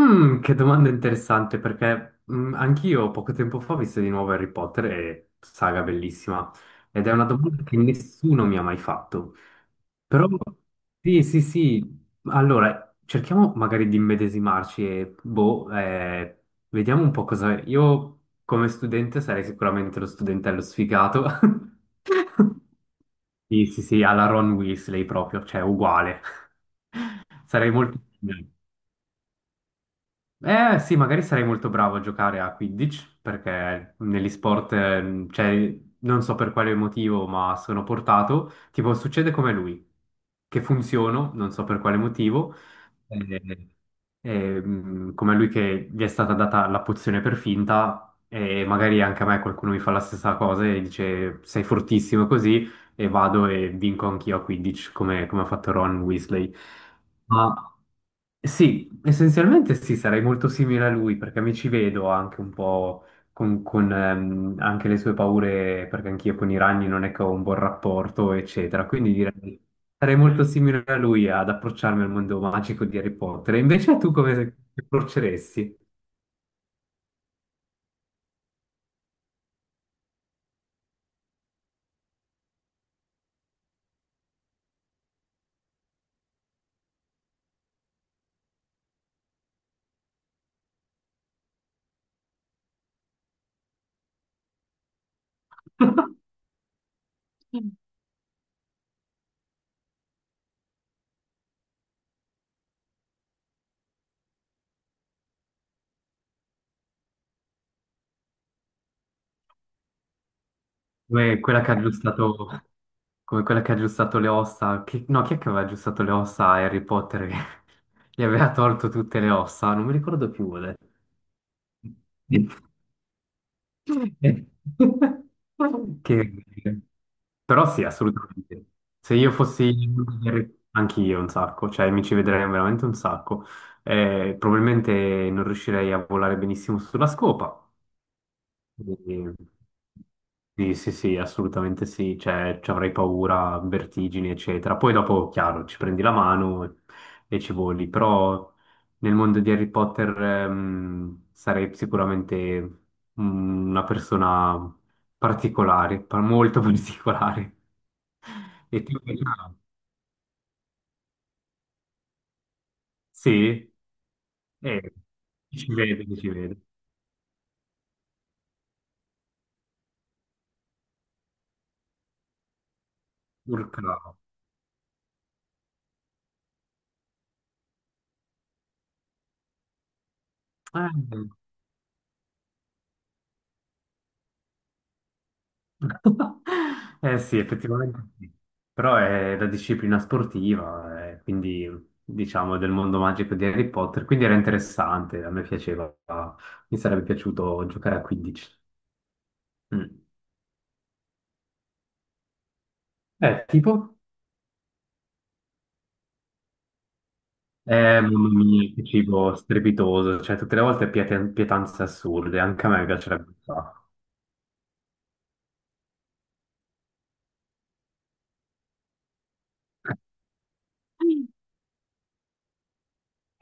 Che domanda interessante perché anch'io poco tempo fa ho visto di nuovo Harry Potter e saga bellissima ed è una domanda che nessuno mi ha mai fatto. Però sì, sì, sì, allora cerchiamo magari di immedesimarci e boh, vediamo un po' cosa. Io come studente sarei sicuramente lo studentello sfigato. Sì, sì, sì, alla Ron Weasley proprio, cioè uguale. Sarei molto. Eh sì, magari sarei molto bravo a giocare a Quidditch, perché negli sport, cioè, non so per quale motivo, ma sono portato. Tipo, succede come lui, che funziono, non so per quale motivo, eh, come lui che gli è stata data la pozione per finta, e magari anche a me qualcuno mi fa la stessa cosa e dice sei fortissimo così, e vado e vinco anch'io a Quidditch, come ha fatto Ron Weasley. Ma. Sì, essenzialmente sì, sarei molto simile a lui perché mi ci vedo anche un po' con anche le sue paure, perché anch'io con i ragni non è che ho un buon rapporto, eccetera. Quindi direi sarei molto simile a lui ad approcciarmi al mondo magico di Harry Potter. E invece tu come ti approcceresti? Come quella che ha aggiustato, Come quella che ha aggiustato le ossa, no, chi è che aveva aggiustato le ossa a Harry Potter? Gli aveva tolto tutte le ossa, non mi ricordo più adesso. Che. Però sì, assolutamente. Se io fossi anch'io un sacco, cioè mi ci vedrei veramente un sacco. Probabilmente non riuscirei a volare benissimo sulla scopa, e- Sì, sì, sì, assolutamente sì, cioè ci avrei paura, vertigini, eccetera. Poi dopo, chiaro, ci prendi la mano e ci voli, però nel mondo di Harry Potter sarei sicuramente una persona particolare, molto particolare. E tu, ah, sì, eh, ci vede, ci vede. Urca. Eh, Eh sì, effettivamente sì. Però è la disciplina sportiva, quindi diciamo del mondo magico di Harry Potter, quindi era interessante, a me piaceva, mi sarebbe piaciuto giocare a 15. Tipo? Mamma mia, che cibo strepitoso, cioè tutte le volte pietanze assurde, anche a me piacerebbe un sacco.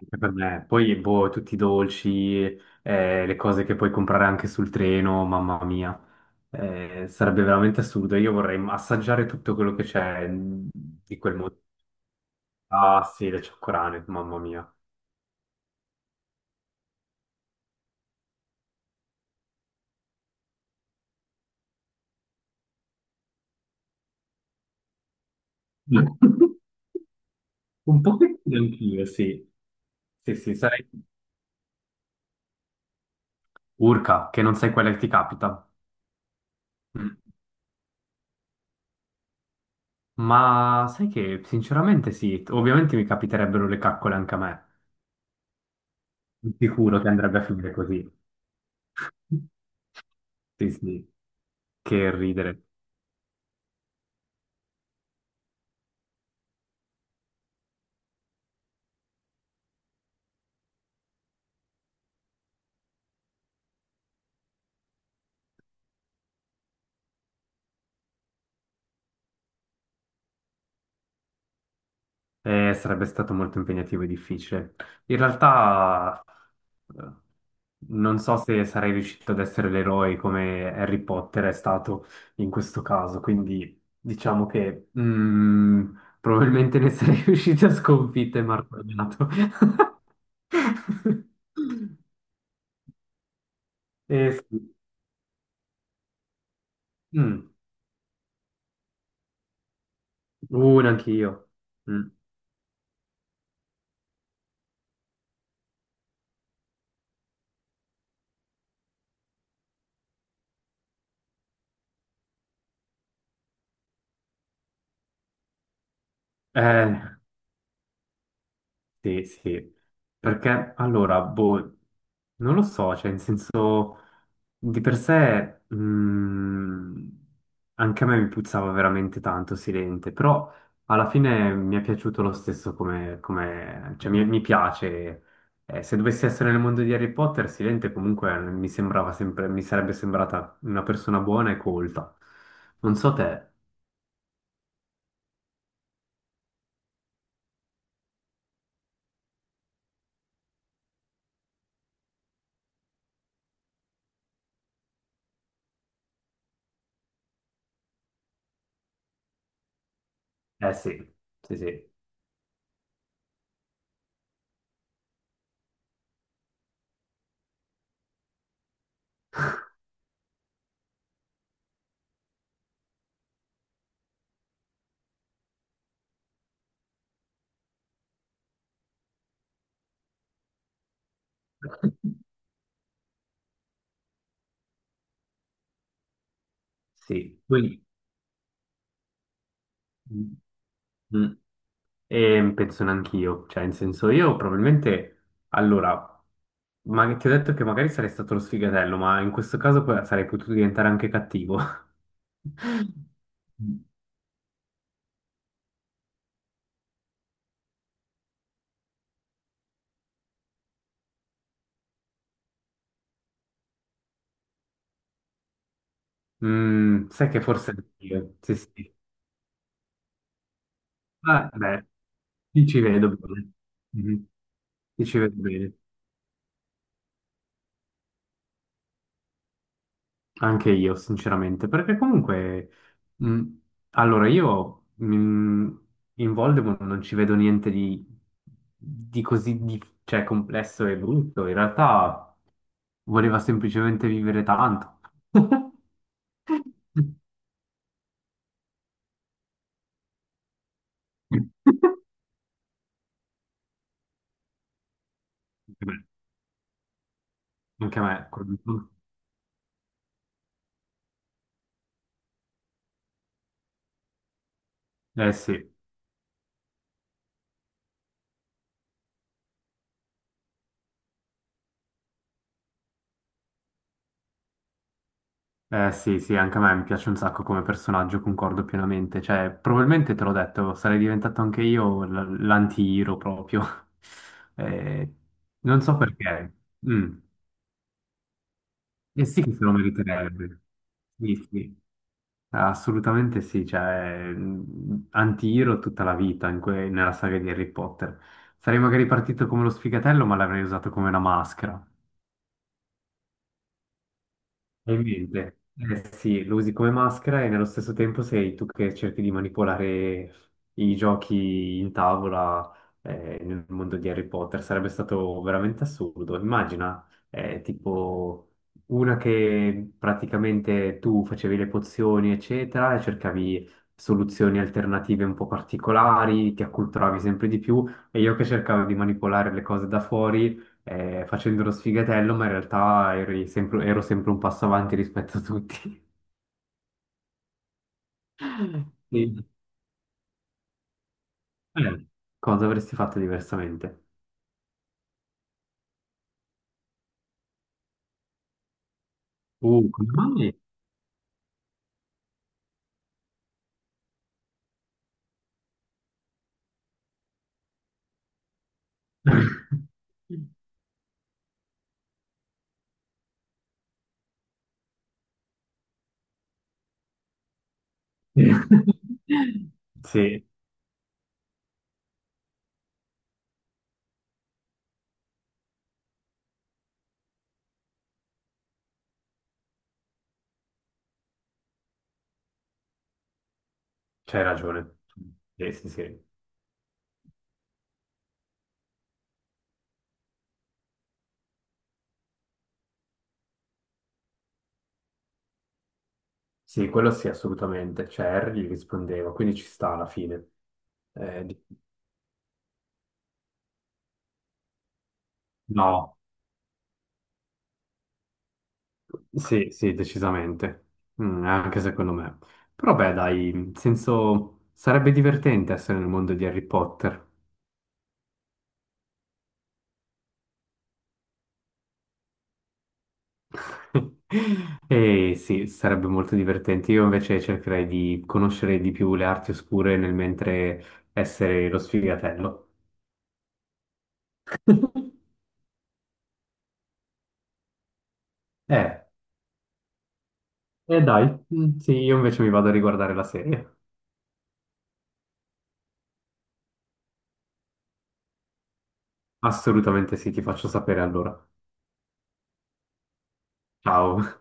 Anche per me. Poi, boh, tutti i dolci, le cose che puoi comprare anche sul treno, mamma mia. Sarebbe veramente assurdo. Io vorrei assaggiare tutto quello che c'è di quel mondo. Ah, sì, le cioccolane, mamma mia. Un po' anch'io, sì. Sì, sì, sarei urca, che non sai quella che ti capita. Mm. Ma sai che, sinceramente, sì, ovviamente mi capiterebbero le caccole anche a me. Sicuro che andrebbe a finire così. Sì, sì, che ridere. Sarebbe stato molto impegnativo e difficile. In realtà, eh, non so se sarei riuscito ad essere l'eroe come Harry Potter è stato in questo caso, quindi diciamo che probabilmente ne sarei riuscito a sconfitto e martoriato. Sì. Mm. Neanche io. Mm. Eh. Sì, sì, perché allora, boh, non lo so, cioè, in senso, di per sé, anche a me mi puzzava veramente tanto Silente, però alla fine mi è piaciuto lo stesso cioè, mi piace. Se dovessi essere nel mondo di Harry Potter, Silente comunque mi sembrava sempre, mi sarebbe sembrata una persona buona e colta. Non so te, eh sì, sì, sì, sì, poi. Mm. E penso neanch'io, cioè, in senso, io probabilmente, allora, ma ti ho detto che magari sarei stato lo sfigatello, ma in questo caso poi sarei potuto diventare anche cattivo. Sai che forse io, sì, sì. Ah, beh, ti ci vedo bene. Mhm. Ti ci vedo bene. Anche io, sinceramente, perché comunque, mh, allora io in Voldemort non ci vedo niente di così cioè, complesso e brutto. In realtà voleva semplicemente vivere tanto. Mm. Anche me. Anche me. Eh sì. Eh sì, sì, anche a me mi piace un sacco come personaggio, concordo pienamente. Cioè, probabilmente te l'ho detto, sarei diventato anche io l'anti-hero proprio. Eh, Non so perché. Mm. E sì che se lo meriterebbe. Sì, sì, assolutamente sì. Cioè, anti-hero tutta la vita nella saga di Harry Potter. Sarei magari partito come lo sfigatello, ma l'avrei usato come una maschera. Probabilmente. Eh sì, lo usi come maschera e nello stesso tempo sei tu che cerchi di manipolare i giochi in tavola nel mondo di Harry Potter. Sarebbe stato veramente assurdo. Immagina, tipo una che praticamente tu facevi le pozioni, eccetera, e cercavi soluzioni alternative un po' particolari, ti acculturavi sempre di più, e io che cercavo di manipolare le cose da fuori facendo lo sfigatello, ma in realtà ero sempre un passo avanti rispetto a tutti. Sì. Eh, Cosa avresti fatto diversamente? Come mai? Sì, c'hai ragione. Sì, sì, sì. Sì, quello sì, assolutamente. Cioè, Harry gli rispondeva, quindi ci sta alla fine. Eh, di- no. Sì, sì, decisamente. Anche secondo me. Però beh, dai, in senso sarebbe divertente essere nel mondo di Harry Potter. E sì, sarebbe molto divertente. Io invece cercherei di conoscere di più le arti oscure nel mentre essere lo sfigatello. Eh, eh dai, sì, io invece mi vado a riguardare la serie. Assolutamente sì, ti faccio sapere allora. Ciao.